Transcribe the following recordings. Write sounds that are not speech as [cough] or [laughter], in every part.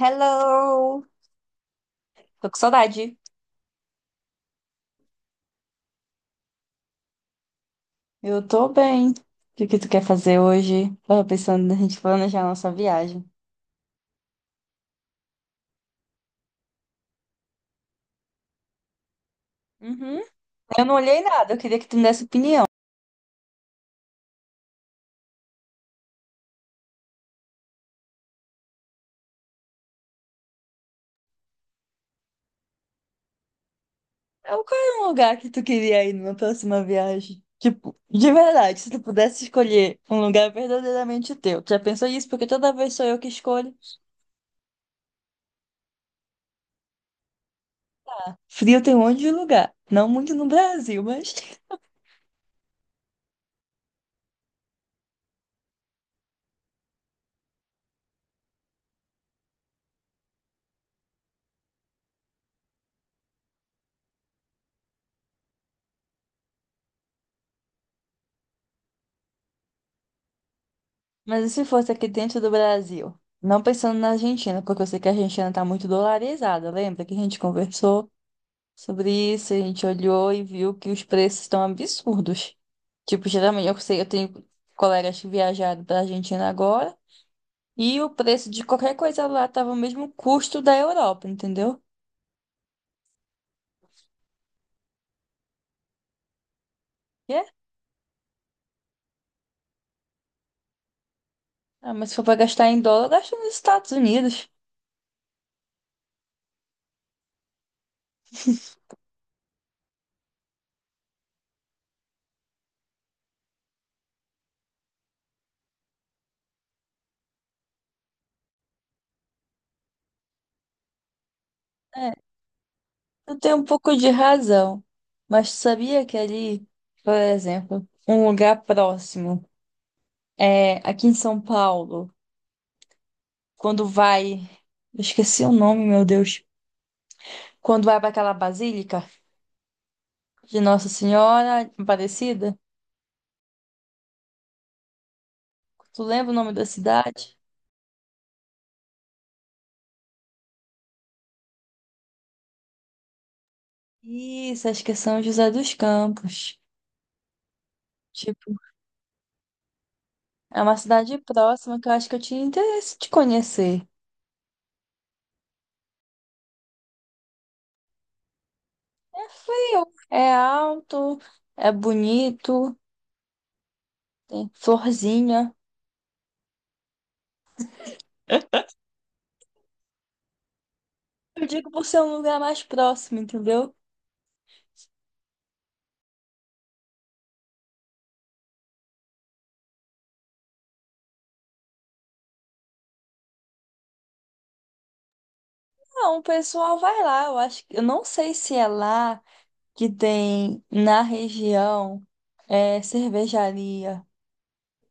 Hello! Tô com saudade. Eu tô bem. O que que tu quer fazer hoje? Tava pensando na gente planejar a nossa viagem. Uhum. Eu não olhei nada, eu queria que tu me desse opinião. É, qual é o lugar que tu queria ir numa próxima viagem? Tipo, de verdade, se tu pudesse escolher um lugar verdadeiramente teu. Tu já pensou nisso? Porque toda vez sou eu que escolho. Frio tem um monte de lugar. Não muito no Brasil, mas... Mas e se fosse aqui dentro do Brasil? Não pensando na Argentina, porque eu sei que a Argentina está muito dolarizada. Lembra que a gente conversou sobre isso, a gente olhou e viu que os preços estão absurdos. Tipo, geralmente eu sei, eu tenho colegas que viajaram para a Argentina agora e o preço de qualquer coisa lá estava o mesmo custo da Europa, entendeu? E é? Ah, mas se for para gastar em dólar, gasta nos Estados Unidos. É, tu tem um pouco de razão. Mas tu sabia que ali, por exemplo, um lugar próximo, é, aqui em São Paulo, quando vai. Eu Esqueci o nome, meu Deus. Quando vai para aquela basílica de Nossa Senhora Aparecida, tu lembra o nome da cidade? Isso, acho que é São José dos Campos. Tipo, é uma cidade próxima que eu acho que eu tinha interesse de conhecer. É frio, é alto, é bonito, tem florzinha. Eu digo por ser um lugar mais próximo, entendeu? Não, o pessoal vai lá, eu acho que eu não sei se é lá que tem na região é cervejaria,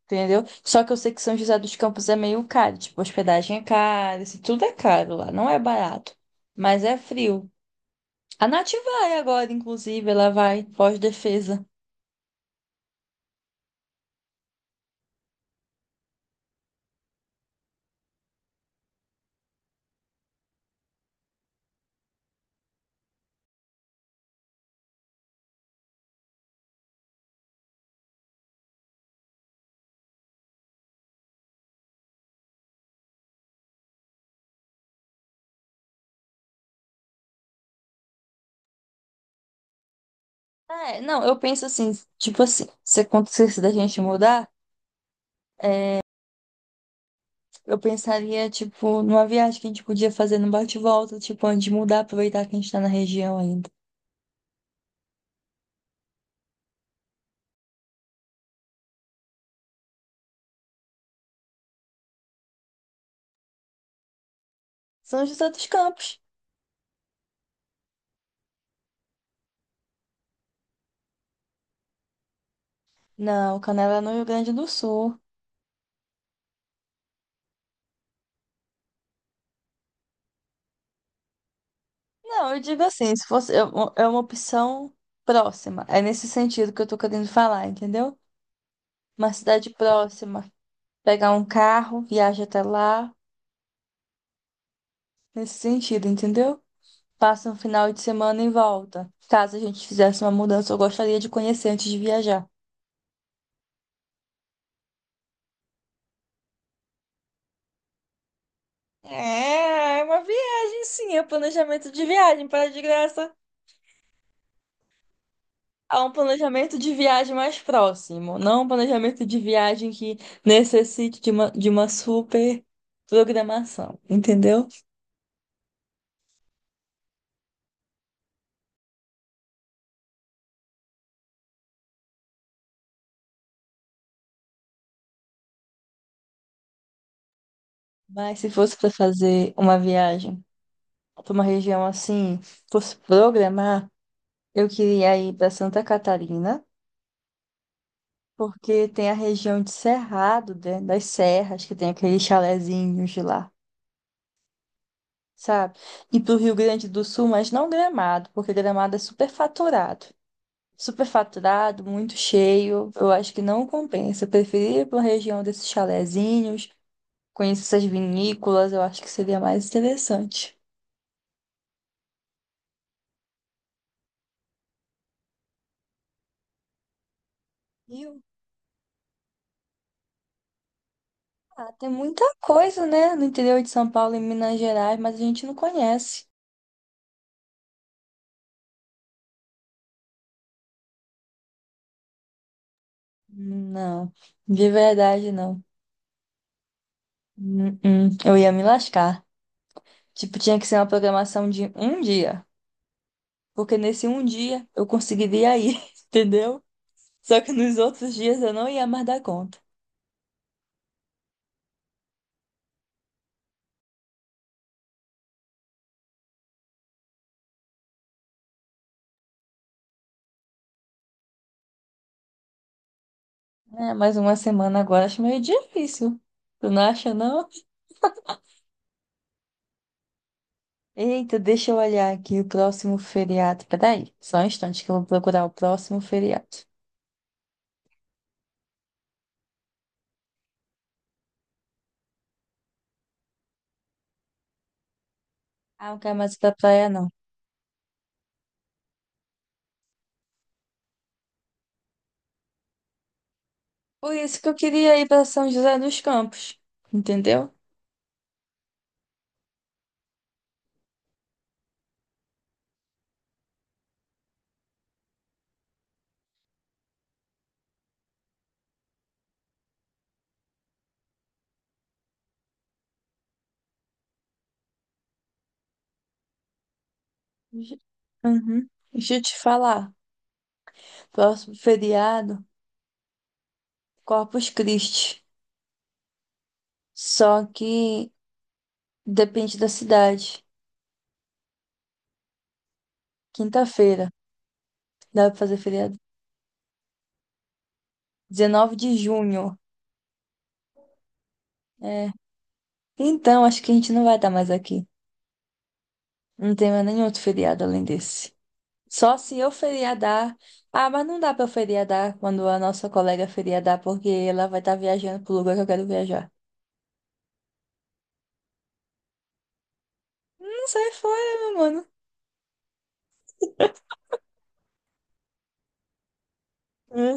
entendeu? Só que eu sei que São José dos Campos é meio caro, tipo, hospedagem é cara, isso tudo é caro lá, não é barato, mas é frio. A Nath vai agora, inclusive, ela vai pós-defesa. Ah, é, não, eu penso assim, tipo assim, se acontecesse da gente mudar, eu pensaria, tipo, numa viagem que a gente podia fazer no bate-volta, tipo, antes de mudar, aproveitar que a gente tá na região ainda. São José dos Campos. Não, Canela é no Rio Grande do Sul. Não, eu digo assim, se fosse é uma opção próxima. É nesse sentido que eu tô querendo falar, entendeu? Uma cidade próxima, pegar um carro, viaja até lá, nesse sentido, entendeu? Passa um final de semana e volta. Caso a gente fizesse uma mudança, eu gostaria de conhecer antes de viajar. É, é uma viagem, sim, é planejamento de viagem, para de graça. A um planejamento de viagem mais próximo, não um planejamento de viagem que necessite de uma, super programação, entendeu? Mas se fosse para fazer uma viagem para uma região assim, fosse programar, eu queria ir para Santa Catarina, porque tem a região de Cerrado, né, das serras, que tem aqueles chalezinhos de lá. Sabe? E para o Rio Grande do Sul, mas não Gramado, porque Gramado é super faturado. Superfaturado, muito cheio. Eu acho que não compensa. Eu preferia ir para uma região desses chalezinhos, conhecer essas vinícolas, eu acho que seria mais interessante. Rio? Ah, tem muita coisa, né? No interior de São Paulo e Minas Gerais, mas a gente não conhece. Não, de verdade não. Eu ia me lascar. Tipo, tinha que ser uma programação de um dia. Porque nesse um dia eu conseguiria ir, [laughs] entendeu? Só que nos outros dias eu não ia mais dar conta. É, mais uma semana agora acho meio difícil. Tu não acha, não? Eita, deixa eu olhar aqui o próximo feriado. Peraí, só um instante que eu vou procurar o próximo feriado. Ah, não quero mais ir pra praia, não. Por isso que eu queria ir pra São José dos Campos, entendeu? Ju- Uhum. Deixa eu te falar. Próximo feriado, Corpus Christi. Só que depende da cidade. Quinta-feira, dá pra fazer feriado? 19 de junho. É. Então, acho que a gente não vai estar mais aqui. Não tem mais nenhum outro feriado além desse. Só se eu feriadar. Ah, mas não dá pra eu feriadar quando a nossa colega feriadar, porque ela vai estar viajando pro lugar que eu quero viajar. Não sai fora, meu mano. Hum.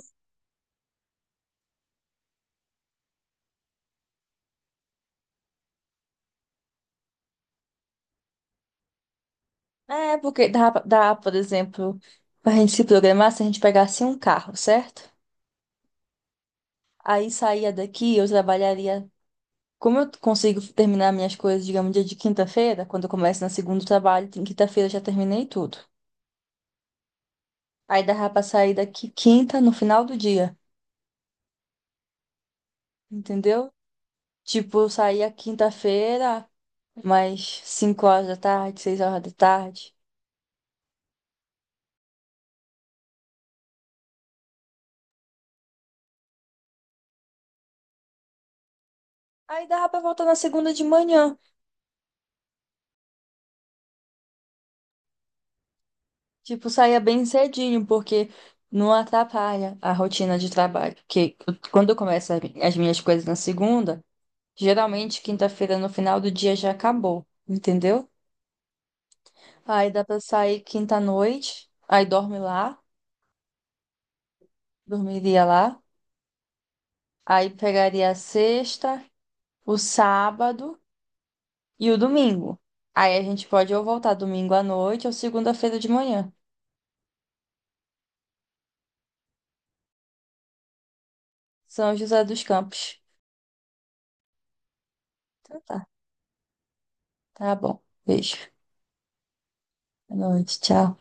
É, porque dá, por exemplo, pra gente se programar se a gente pegasse um carro, certo? Aí saía daqui, eu trabalharia. Como eu consigo terminar minhas coisas, digamos, dia de quinta-feira, quando eu começo na segunda trabalho, em quinta-feira eu já terminei tudo. Aí dava pra sair daqui quinta, no final do dia, entendeu? Tipo, eu saía quinta-feira, mais 5 horas da tarde, 6 horas da tarde. Aí dava pra voltar na segunda de manhã. Tipo, saía bem cedinho, porque não atrapalha a rotina de trabalho. Porque quando eu começo as minhas coisas na segunda, geralmente quinta-feira no final do dia já acabou, entendeu? Aí dá pra sair quinta-noite, aí dormiria lá. Aí pegaria a sexta, o sábado. E o domingo. Aí a gente pode ou voltar domingo à noite ou segunda-feira de manhã. São José dos Campos. Então tá, tá bom. Beijo. Boa noite, tchau.